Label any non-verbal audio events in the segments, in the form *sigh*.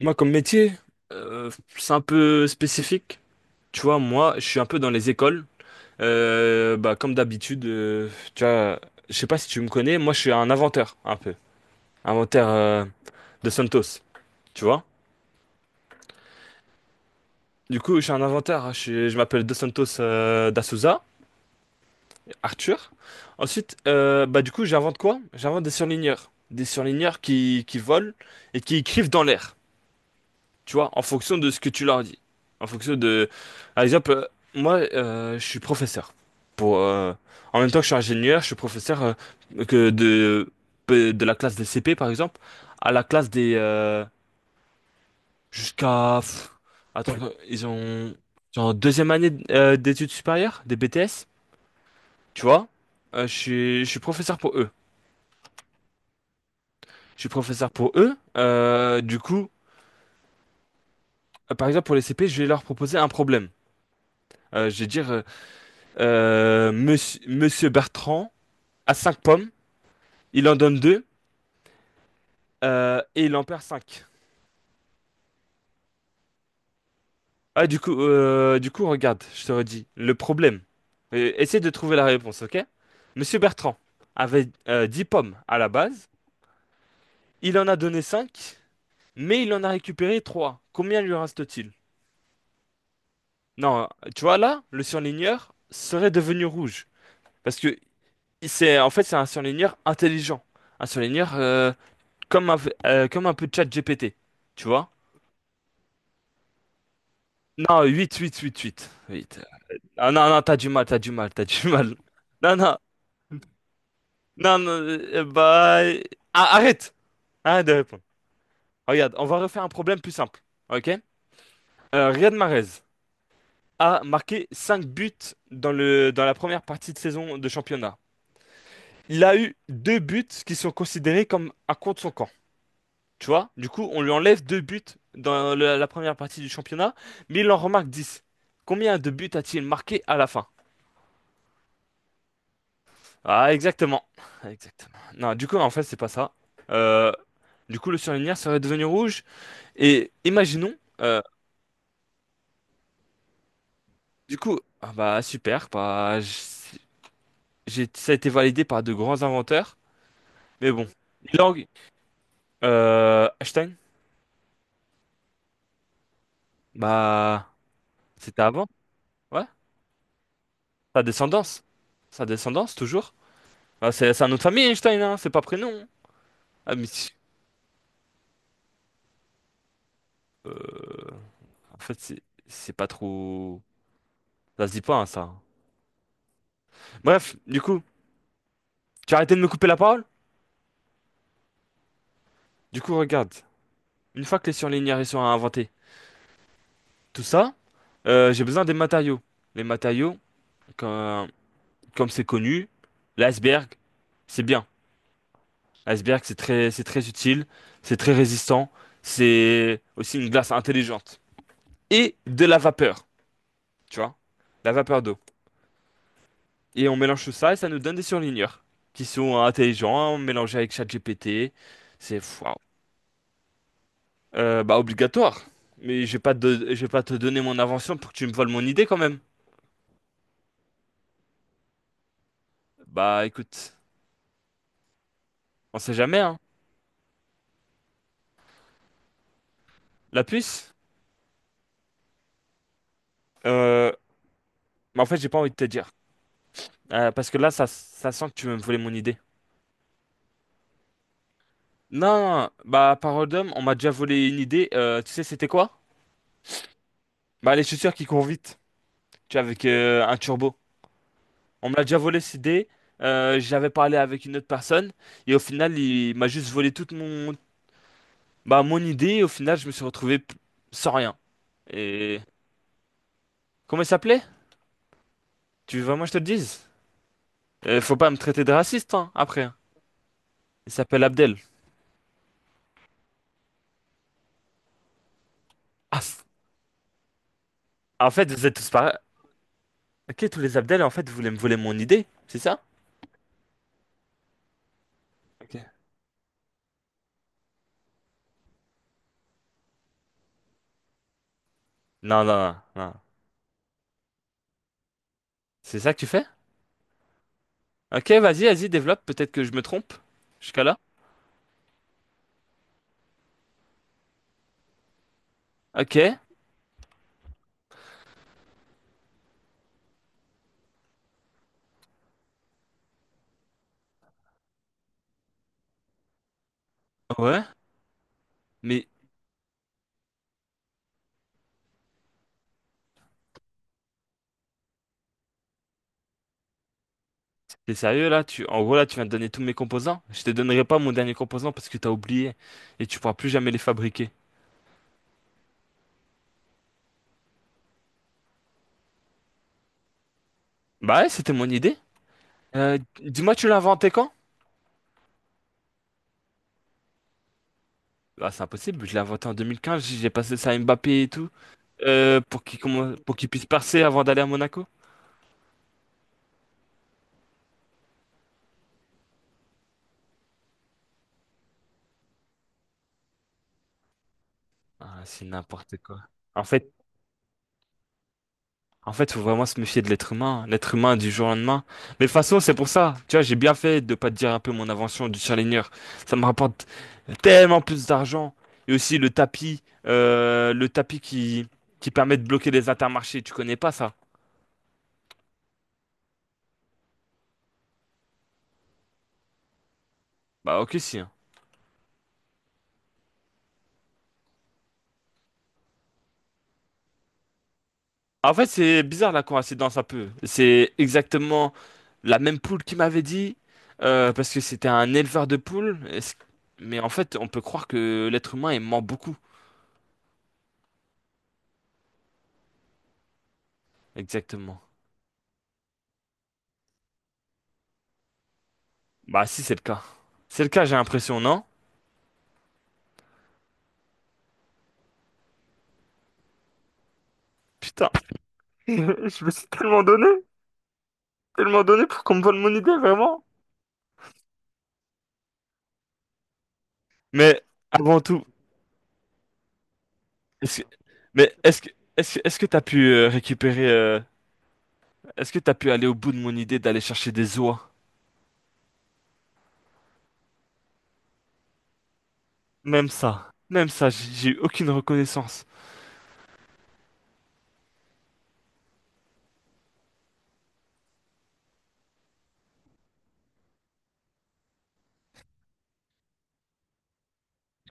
Moi, comme métier, euh, c'est un peu spécifique. Tu vois, moi, je suis un peu dans les écoles. Bah, comme d'habitude, tu vois, je sais pas si tu me connais, moi, je suis un inventeur, un peu. Inventeur de Santos, tu vois. Du coup, je suis un inventeur, hein. Je m'appelle De Santos da Souza, Arthur. Ensuite, bah, du coup, j'invente quoi? J'invente des surligneurs. Des surligneurs qui volent et qui écrivent dans l'air, tu vois, en fonction de ce que tu leur dis. En fonction de... Par exemple, moi, je suis professeur. Pour, en même temps que je suis ingénieur, je suis professeur que de, de la classe des CP, par exemple, à la classe des... jusqu'à... Attends, ouais, ils ont en deuxième année d'études supérieures, des BTS, tu vois. Je suis professeur pour eux. Je suis professeur pour eux. Par exemple, pour les CP, je vais leur proposer un problème. Je vais dire... monsieur, Monsieur Bertrand a 5 pommes, il en donne 2 et il en perd 5. Ah, du coup, regarde, je te redis le problème. Essaie de trouver la réponse, ok? Monsieur Bertrand avait 10 pommes à la base, il en a donné 5, mais il en a récupéré 3. Combien lui reste-t-il? Non, tu vois là, le surligneur serait devenu rouge. Parce que c'est en fait c'est un surligneur intelligent. Un surligneur comme un, comme un peu de chat GPT. Tu vois? Non, 8 8 8 8 huit. Ah non, non, t'as du mal, t'as du mal, t'as du mal. Non, non, non, non, bah... Ah, arrête! Arrête de répondre. Regarde, on va refaire un problème plus simple, ok? Riyad Mahrez a marqué 5 buts dans la première partie de saison de championnat. Il a eu 2 buts qui sont considérés comme un contre son camp, tu vois? Du coup, on lui enlève 2 buts la première partie du championnat, mais il en remarque 10. Combien de buts a-t-il marqué à la fin? Ah, exactement. Exactement. Non, du coup, en fait, c'est pas ça. Euh, du coup, le surligneur serait devenu rouge. Et imaginons, euh, du coup, ah bah super, bah, ça a été validé par de grands inventeurs. Mais bon, les langues, Einstein, bah, c'était avant, ouais. Sa descendance, sa descendance, toujours. Ah, c'est un autre famille, Einstein, hein, c'est pas prénom, hein. Ah, mais si, euh, en fait, c'est pas trop. Ça se dit pas, hein, ça. Bref, du coup, tu as arrêté de me couper la parole? Du coup, regarde, une fois que les surligneurs ils sont inventés, tout ça, j'ai besoin des matériaux. Les matériaux, comme, comme c'est connu, l'iceberg, c'est bien. L'iceberg, c'est très utile, c'est très résistant, c'est aussi une glace intelligente. Et de la vapeur, tu vois, la vapeur d'eau. Et on mélange tout ça et ça nous donne des surligneurs qui sont intelligents, mélangés avec ChatGPT. C'est waouh. Bah obligatoire. Mais je vais pas te donner mon invention pour que tu me voles mon idée quand même. Bah écoute, on sait jamais, hein. La puce, euh, mais en fait, j'ai pas envie de te dire. Parce que là, ça sent que tu veux me voler mon idée. Non, bah parole d'homme, on m'a déjà volé une idée. Tu sais, c'était quoi? Bah les chaussures qui courent vite, tu vois, avec un turbo. On me l'a déjà volé cette idée. J'avais parlé avec une autre personne et au final, il m'a juste volé toute mon, bah, mon idée. Et au final, je me suis retrouvé sans rien. Et comment il s'appelait? Tu veux vraiment que je te le dise? Faut pas me traiter de raciste, hein, après. Il s'appelle Abdel. Ah, f- En fait, vous êtes tous pareils. Ok, tous les Abdel, en fait, vous voulez me voler mon idée, c'est ça? Ok. Non, non, non, non. C'est ça que tu fais? Ok, vas-y, vas-y, développe, peut-être que je me trompe. Jusqu'à là? Ok, ouais. Mais t'es sérieux là? Tu... En gros, là, tu viens de donner tous mes composants. Je te donnerai pas mon dernier composant parce que t'as oublié et tu pourras plus jamais les fabriquer. Bah ouais, c'était mon idée. Dis-moi, tu l'as inventé quand? Bah, c'est impossible, je l'ai inventé en 2015, j'ai passé ça à Mbappé et tout, pour pour qu'il puisse percer avant d'aller à Monaco. Ah, c'est n'importe quoi. En fait, en fait, faut vraiment se méfier de l'être humain, hein. L'être humain du jour au lendemain. Mais de toute façon, c'est pour ça. Tu vois, j'ai bien fait de pas te dire un peu mon invention du Challenger. Ça me rapporte tellement plus d'argent. Et aussi le tapis, le tapis qui permet de bloquer les intermarchés. Tu connais pas ça? Bah, ok, si, hein. Ah, en fait, c'est bizarre la coïncidence un peu. C'est exactement la même poule qui m'avait dit, parce que c'était un éleveur de poules. Mais en fait, on peut croire que l'être humain est mort beaucoup. Exactement. Bah si c'est le cas. C'est le cas, j'ai l'impression, non? Putain. *laughs* Je me suis tellement donné pour qu'on me vole mon idée, vraiment. Mais avant tout, est-ce que... mais est-ce que est-ce que t'as pu aller au bout de mon idée d'aller chercher des oies? Même ça. Même ça, j'ai eu aucune reconnaissance.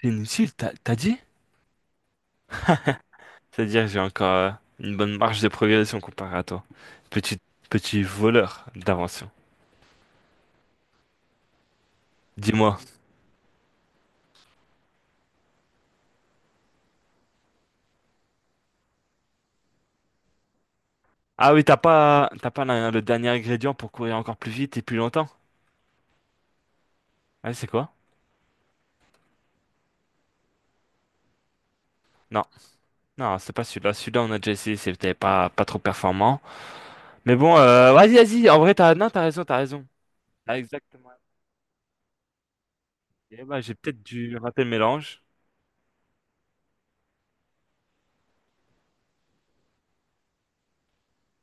C'est inutile, t'as dit? C'est-à-dire que j'ai encore une bonne marge de progression comparé à toi. Petit petit voleur d'invention. Dis-moi. Ah oui, t'as pas le dernier ingrédient pour courir encore plus vite et plus longtemps? Ouais, c'est quoi? Non, non, c'est pas celui-là. Celui-là, on a déjà essayé, c'était pas, pas trop performant. Mais bon, vas-y, vas-y. En vrai, t'as, non, t'as raison, t'as raison. Ah, exactement. Eh ben, j'ai peut-être dû rater le mélange.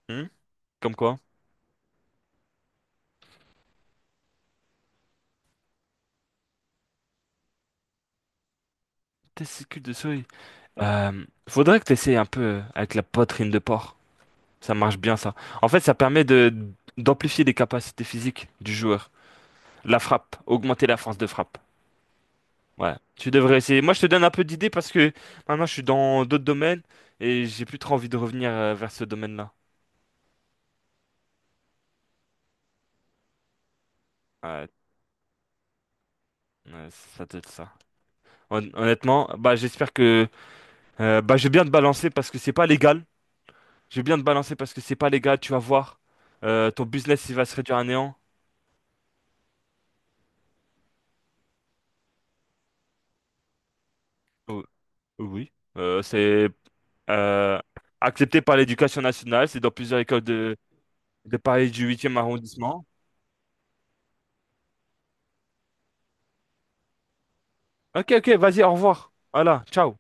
Hmm. Comme quoi? Testicule de souris. Faudrait que t'essayes un peu avec la poitrine de porc. Ça marche bien, ça. En fait, ça permet d'amplifier les capacités physiques du joueur. La frappe, augmenter la force de frappe. Ouais, tu devrais essayer. Moi, je te donne un peu d'idées parce que maintenant, je suis dans d'autres domaines et j'ai plus trop envie de revenir vers ce domaine-là. Ouais, ouais, ça doit être ça. Honnêtement, bah, j'espère que bah, je vais bien te balancer parce que c'est pas légal. Je vais bien te balancer parce que c'est pas légal. Tu vas voir. Ton business, il va se réduire à néant. Oh. Oui. C'est euh, accepté par l'éducation nationale. C'est dans plusieurs écoles de Paris du huitième arrondissement. Ok, ok, vas-y, au revoir. Voilà, ciao.